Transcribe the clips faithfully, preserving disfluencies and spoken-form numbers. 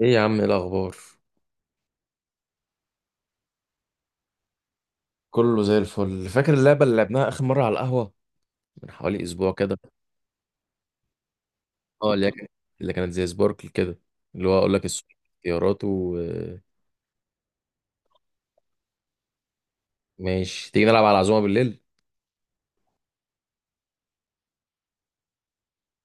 ايه يا عم، ايه الاخبار؟ كله زي الفل. فاكر اللعبه اللي لعبناها اخر مره على القهوه من حوالي اسبوع كده؟ اه، اللي هي كانت اللي كانت زي سباركل كده، اللي هو اقول لك السؤال اختيارات و ماشي. تيجي نلعب على العزومه بالليل؟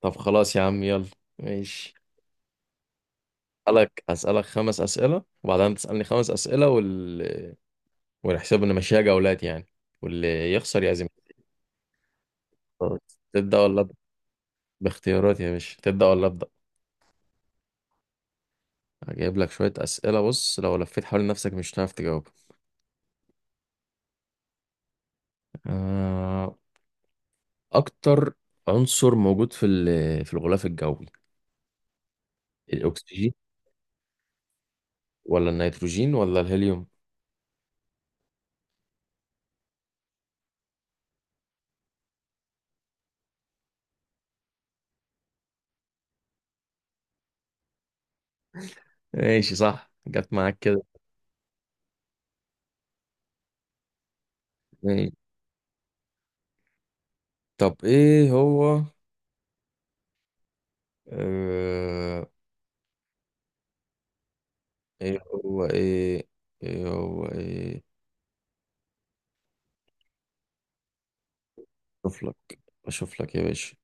طب خلاص يا عم، يلا. ماشي. اسالك اسالك خمس اسئله، وبعدين تسالني خمس اسئله، وال والحساب ان ماشيه جولات يعني، واللي يخسر يعزم. تبدا ولا ابدا؟ باختيارات يا باشا، تبدا ولا ابدا؟ هجيب لك شويه اسئله. بص، لو لفيت حوالين نفسك مش هتعرف تجاوب. آه. اكتر عنصر موجود في ال- في الغلاف الجوي، الاكسجين ولا النيتروجين ولا الهيليوم؟ ماشي، صح، جت معاك كده. ماشي. طب ايه هو، آه... ايه هو ايه، ايه هو ايه اشوف لك اشوف لك يا باشا.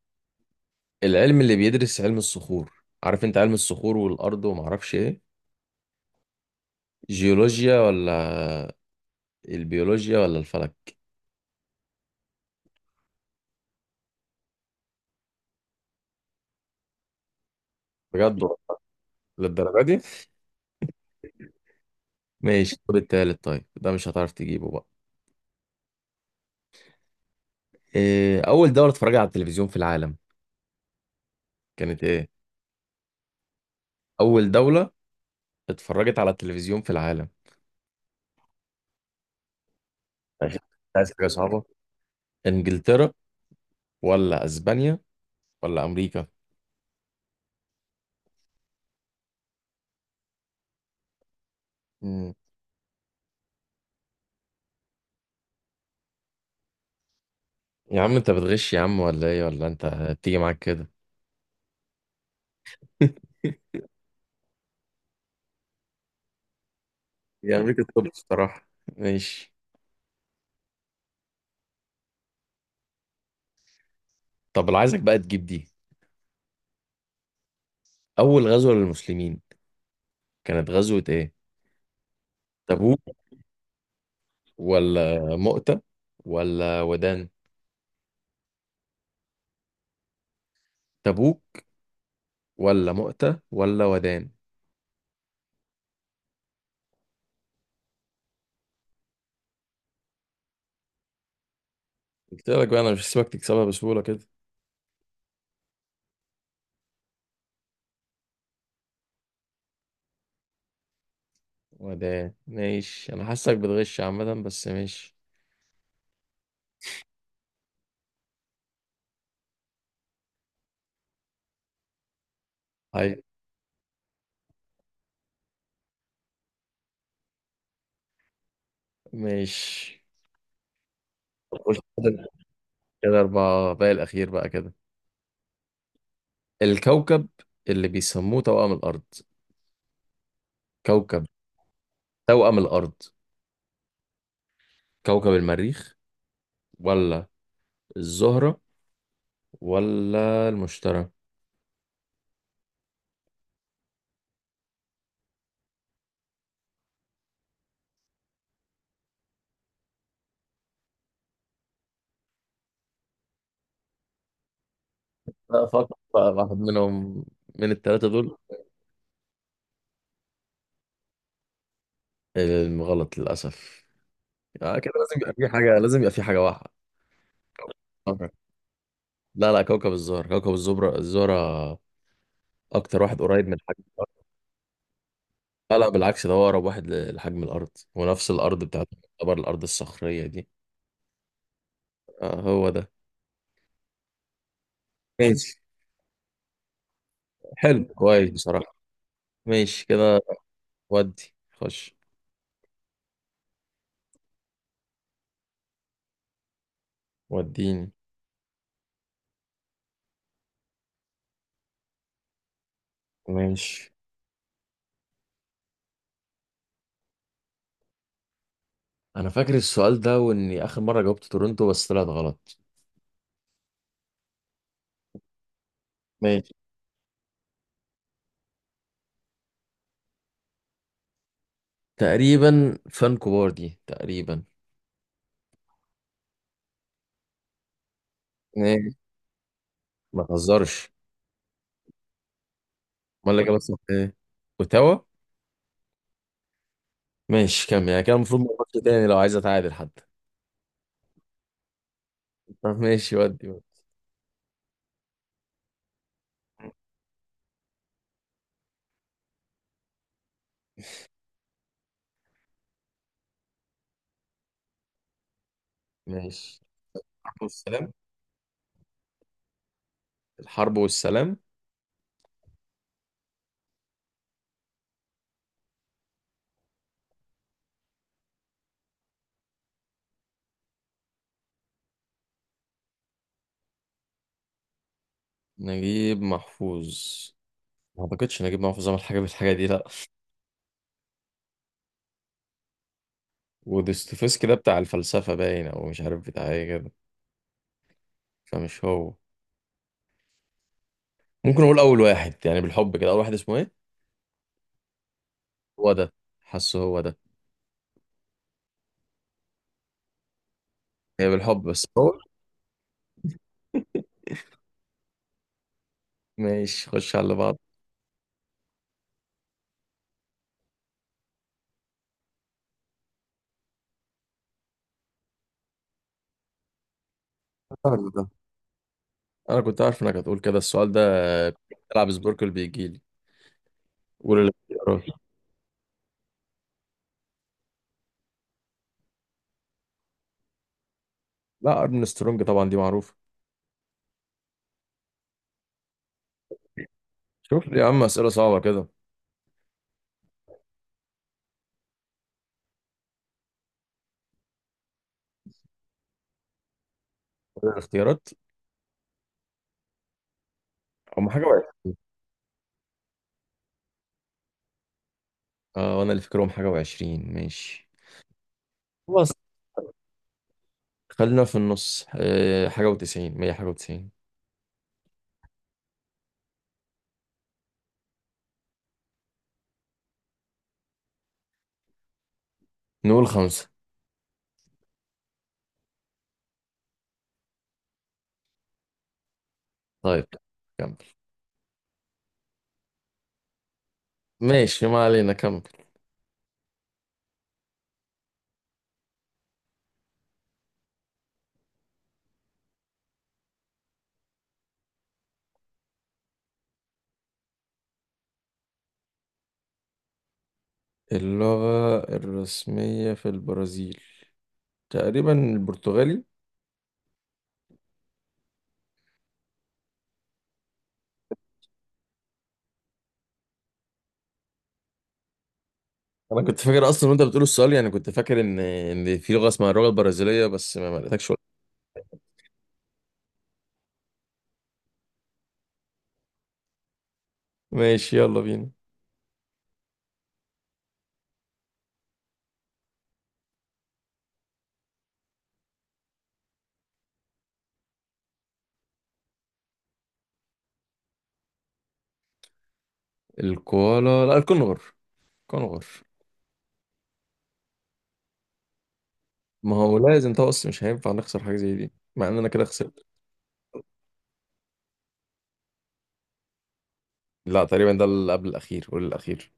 العلم اللي بيدرس علم الصخور، عارف انت؟ علم الصخور والارض وما اعرفش ايه، جيولوجيا ولا البيولوجيا ولا الفلك؟ بجد والله، للدرجه دي؟ ماشي طب التالت، طيب ده مش هتعرف تجيبه بقى. إيه، أول دولة اتفرجت على التلفزيون في العالم كانت ايه؟ أول دولة اتفرجت على التلفزيون في العالم. عايز، عايز حاجه صعبه. إنجلترا ولا أسبانيا ولا أمريكا؟ مم. يا عم أنت بتغش يا عم ولا إيه، ولا أنت بتيجي معاك كده؟ هي امريكا الطب الصراحه. ماشي. طب اللي عايزك بقى تجيب دي، أول غزوة للمسلمين كانت غزوة إيه؟ تبوك ولا مؤتة ولا ودان؟ تبوك ولا مؤتة ولا ودان؟ قلت لك بقى، أنا مش هسيبك تكسبها بسهولة كده. وده ماشي، انا حاسك بتغش عامة، بس ماشي. هاي. ماشي، خش كده. كده اربعة باقي، الاخير بقى كده. الكوكب اللي بيسموه توأم الارض، كوكب، توأم الارض، كوكب المريخ ولا الزهرة ولا المشتري؟ لا، فكر بقى واحد منهم من الثلاثة دول. غلط للأسف. آه، كده لازم يبقى في حاجة، لازم يبقى في حاجة واحدة. لا لا، كوكب الزهرة، كوكب الزبرة، الزهرة أكتر واحد قريب من الحاجة. لا لا بالعكس، ده هو أقرب واحد ل- لحجم الأرض، ونفس الأرض بتاعته تعتبر الأرض الصخرية دي. آه هو ده. ماشي، حلو كويس بصراحة. ماشي كده. ودي خش. وديني. ماشي. أنا فاكر السؤال ده، وإني آخر مرة جاوبت تورنتو بس طلعت غلط. ماشي، تقريبا فان كوبار دي تقريبا. ايه؟ ما تهزرش. امال اللي جابت صح ايه؟ اوتاوا. ماشي، كم يعني كده، المفروض ما اقولش تاني لو عايز اتعادل حتى. طب ماشي، ودي ودي. ماشي. الحرب والسلام. الحرب والسلام. نجيب محفوظ؟ ما اعتقدش نجيب محفوظ عمل حاجه بالحاجه دي، لا. ودوستويفسكي ده بتاع الفلسفه باين، او مش عارف بتاع ايه كده، فمش هو. ممكن اقول اول واحد يعني بالحب كده، اول واحد اسمه ايه. هو ده. حاسه هو ده. هي بالحب بس هو. ماشي، خش على اللي بعض. سهل ده، انا كنت عارف انك هتقول كده السؤال ده. بتلعب سبوركل بيجيلي. قول الاختيارات. لا، ارن سترونج طبعا، دي معروفه. شوف لي يا عم اسئله صعبه كده. قول الاختيارات. هم حاجه وعشرين. اه، وانا اللي فاكرهم حاجه وعشرين. ماشي، خلاص، خلينا في النص، آه، حاجة وتسعين، مية حاجة وتسعين. نقول خمسة. طيب، كمل. ماشي ما علينا، كمل. اللغة الرسمية في البرازيل، تقريبا البرتغالي. أنا كنت فاكر أصلا وأنت بتقول السؤال، يعني كنت فاكر إن إن في لغة اسمها اللغة البرازيلية، بس ما ما لقيتكش ولا. ماشي، يلا بينا. الكوالا، لا، الكونغر، كونغر. ما هو لازم طقس، مش هينفع نخسر حاجة زي دي، مع إن أنا كده خسرت. لا، تقريبا ده اللي قبل الأخير والأخير.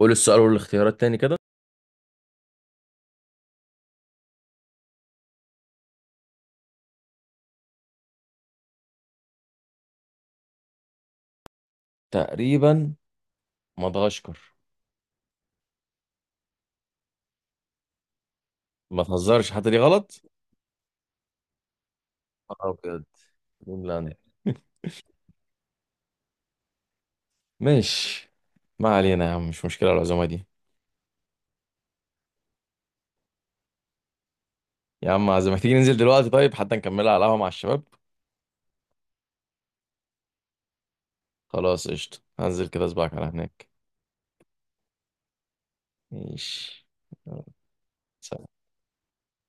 قول السؤال والاختيارات تاني كده. تقريبا مدغشقر. ما تهزرش، حتى دي غلط. اه بجد، جرينلاند. ماشي، ما علينا يا عم، مش مشكلة العزومة دي. يا عم، عزومة، تيجي ننزل دلوقتي طيب حتى نكملها على القهوة مع الشباب. خلاص قشطة، هنزل كده أسبوعك على هناك. ماشي، يلا، سلام.